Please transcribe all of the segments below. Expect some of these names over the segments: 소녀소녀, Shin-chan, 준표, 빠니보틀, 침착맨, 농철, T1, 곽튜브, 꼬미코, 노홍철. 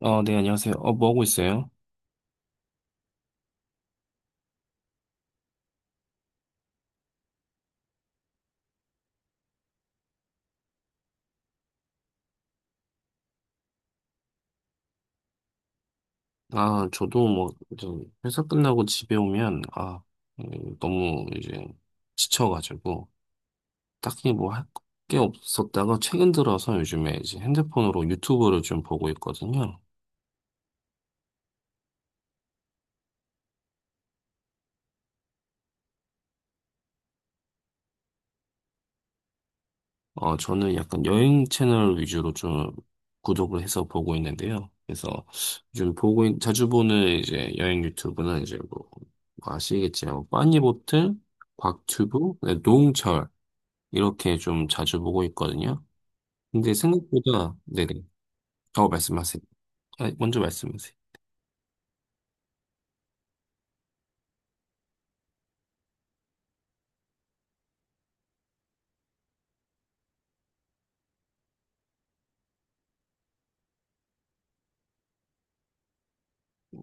네, 안녕하세요. 뭐 하고 있어요? 아, 저도 뭐, 이제 회사 끝나고 집에 오면, 아, 너무 이제 지쳐가지고, 딱히 뭐 할 게 없었다가 최근 들어서 요즘에 이제 핸드폰으로 유튜브를 좀 보고 있거든요. 저는 약간 여행 채널 위주로 좀 구독을 해서 보고 있는데요. 그래서 요즘 자주 보는 이제 여행 유튜브는 이제 뭐, 뭐 아시겠지만, 뭐 빠니보틀, 곽튜브, 네, 노홍철, 이렇게 좀 자주 보고 있거든요. 근데 생각보다, 네네. 말씀하세요. 아, 먼저 말씀하세요.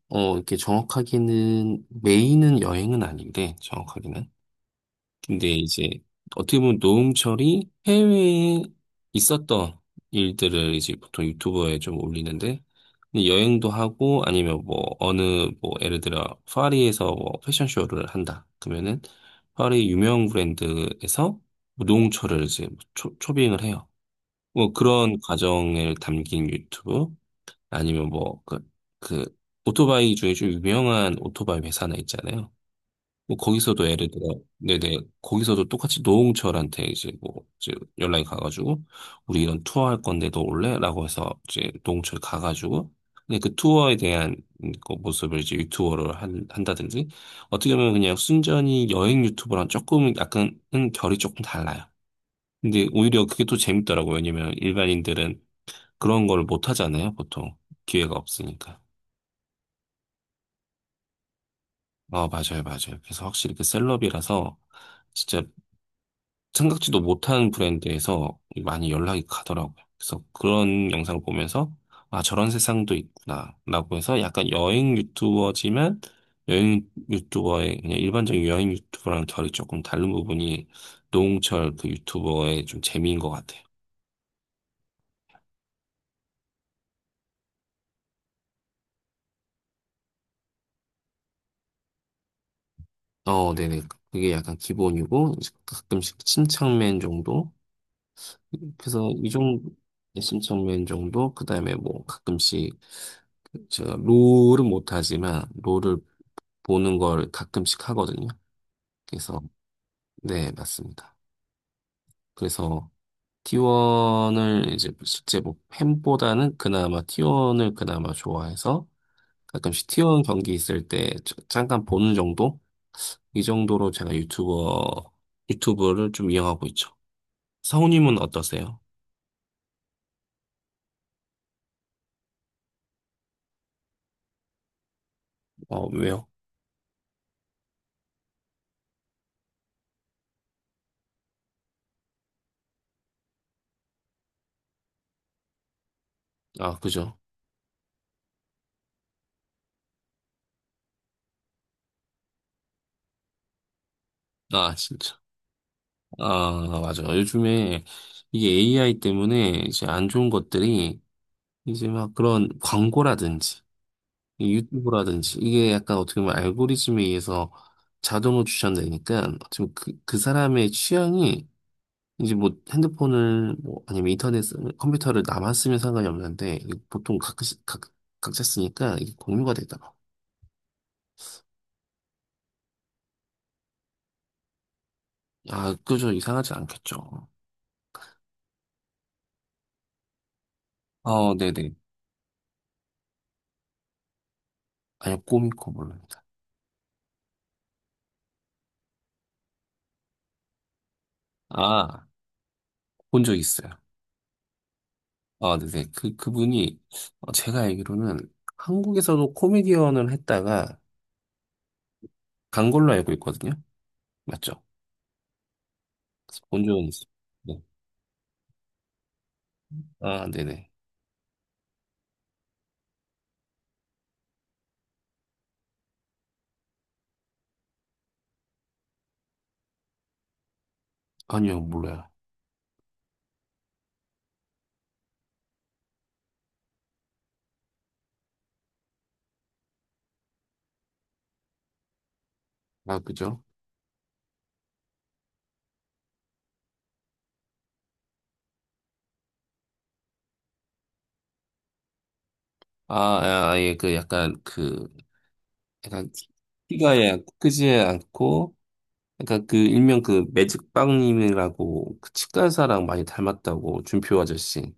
이렇게 정확하게는, 메인은 여행은 아닌데, 정확하게는. 근데 이제, 어떻게 보면 노홍철이 해외에 있었던 일들을 이제 보통 유튜버에 좀 올리는데, 근데 여행도 하고, 아니면 뭐, 어느, 뭐, 예를 들어, 파리에서 뭐, 패션쇼를 한다. 그러면은, 파리 유명 브랜드에서 노홍철을 이제 초빙을 해요. 뭐 그런 과정을 담긴 유튜브 아니면 뭐 그 오토바이 중에 좀 유명한 오토바이 회사나 있잖아요. 뭐 거기서도 예를 들어 네네 거기서도 똑같이 노홍철한테 이제 뭐 이제 연락이 가가지고 우리 이런 투어 할 건데 너 올래?라고 해서 이제 노홍철 가가지고 근데 그 투어에 대한 그 모습을 이제 유튜버로 한다든지 어떻게 보면 그냥 순전히 여행 유튜버랑 조금 약간은 결이 조금 달라요. 근데 오히려 그게 또 재밌더라고요. 왜냐면 일반인들은 그런 걸 못 하잖아요, 보통. 기회가 없으니까. 아, 맞아요, 맞아요. 그래서 확실히 그 셀럽이라서 진짜 생각지도 못한 브랜드에서 많이 연락이 가더라고요. 그래서 그런 영상 을 보면서 아, 저런 세상도 있구나. 라고 해서 약간 여행 유튜버지만 여행 유튜버의 그냥 일반적인 여행 유튜버랑 결이 조금 다른 부분이 노홍철 그 유튜버의 좀 재미인 것 같아요. 네네. 그게 약간 기본이고, 이제 가끔씩 침착맨 정도? 그래서 이 정도 신청면 정도 그다음에 뭐 가끔씩 제가 롤은 못하지만 롤을 보는 걸 가끔씩 하거든요. 그래서 네 맞습니다. 그래서 T1을 이제 실제 뭐 팬보다는 그나마 T1을 그나마 좋아해서 가끔씩 T1 경기 있을 때 잠깐 보는 정도 이 정도로 제가 유튜버 유튜브를 좀 이용하고 있죠. 성우님은 어떠세요? 어 왜요? 아 그죠? 아 진짜. 아, 맞아. 요즘에 이게 AI 때문에 이제 안 좋은 것들이 이제 막 그런 광고라든지 이 유튜브라든지 이게 약간 어떻게 보면 알고리즘에 의해서 자동으로 추천되니까 지금 그 사람의 취향이 이제 뭐 핸드폰을 뭐 아니면 인터넷 컴퓨터를 나만 쓰면 상관이 없는데 이게 보통 각, 각자 쓰니까 이게 공유가 되더라고. 아, 그저 이상하지 않겠죠. 네네. 아니요, 꼬미코 모릅니다. 아, 본 적 있어요. 아, 네네. 그분이, 제가 알기로는 한국에서도 코미디언을 했다가 간 걸로 알고 있거든요. 맞죠? 본 적은 있어요. 네. 아, 네네. 아니요, 몰라요. 아, 그죠? 아, 아, 예, 그 약간 그, 약간 키가 예, 크지 않고, 약간 그 일명 그 매직빵님이라고 그 치과 의사랑 많이 닮았다고 준표 아저씨.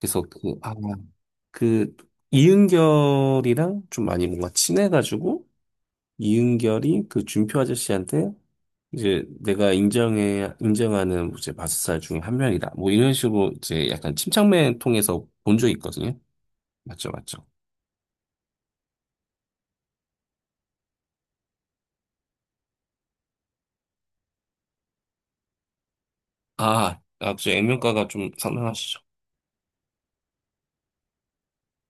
그래서 그, 아, 그 이은결이랑 좀 많이 뭔가 친해가지고, 이은결이 그 준표 아저씨한테 이제 내가 인정해 인정하는 뭐 이제 마술사 중에 한 명이다. 뭐 이런 식으로 이제 약간 침착맨 통해서 본 적이 있거든요. 맞죠, 맞죠. 아, 아, 그죠. 액면가가 좀 상당하시죠.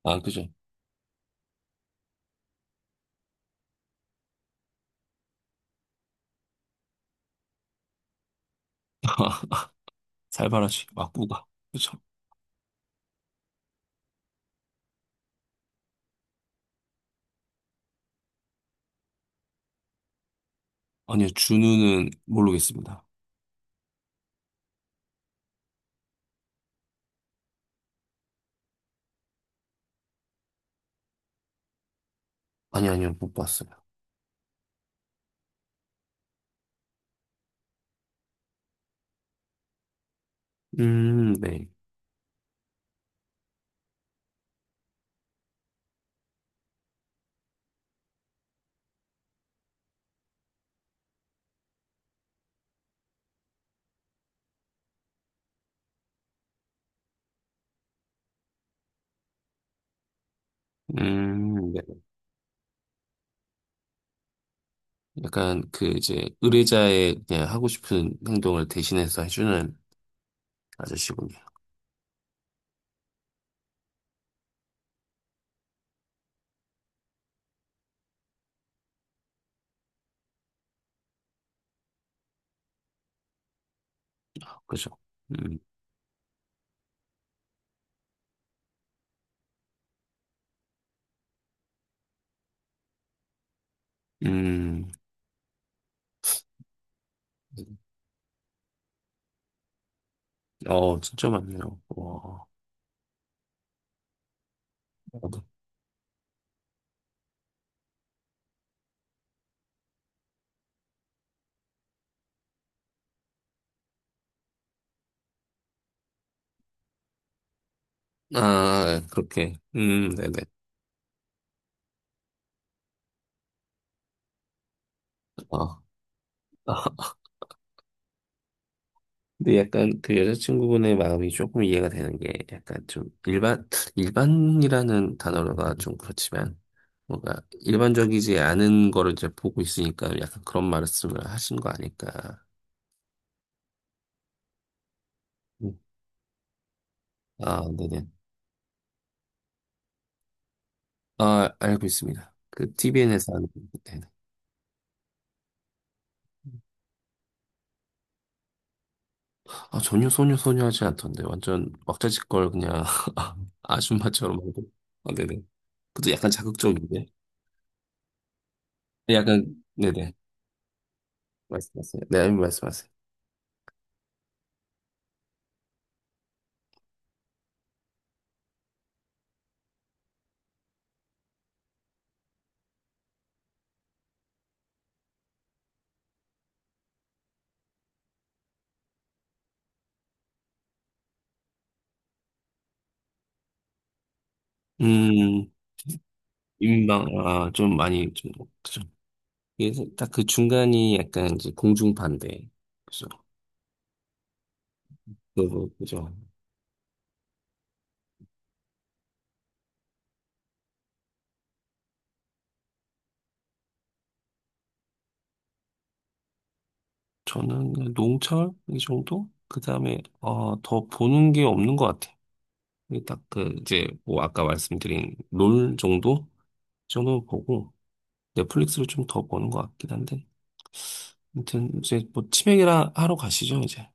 아, 그죠. 살벌하시. 막구가. 그죠. 아니요, 준우는 모르겠습니다. 아니, 아니요, 못 봤어요. 네. 네. 약간 그 이제 의뢰자의 그냥 하고 싶은 행동을 대신해서 해주는 아저씨군요. 그죠. 음. 음, 진짜 많네요. 와. 아, 예, 그렇게. 네네. 어. 근데 약간 그 여자친구분의 마음이 조금 이해가 되는 게 약간 좀 일반이라는 단어가 좀 그렇지만 뭔가 일반적이지 않은 거를 이제 보고 있으니까 약간 그런 말씀을 하신 거 아닐까. 음. 아, 네네. 아, 알고 있습니다. 그 TVN에서 하는, 아, 전혀 소녀소녀 하지 않던데. 완전 왁자지껄 그냥 아줌마처럼 하고. 아, 네네. 그것도 약간 자극적인데. 약간, 네네. 말씀하세요. 네, 아니, 말씀하세요. 음, 민망, 아, 좀 많이, 좀, 그죠. 그래서 딱그 중간이 약간 이제 공중반대 그죠. 그거, 그죠. 저는 농철? 이 정도? 그 다음에, 더 보는 게 없는 것 같아요. 딱 그, 이제, 뭐, 아까 말씀드린 롤 정도? 이 정도 보고, 넷플릭스를 좀 더 보는 것 같긴 한데. 아무튼 이제 뭐 치맥이라 하러 가시죠, 이제.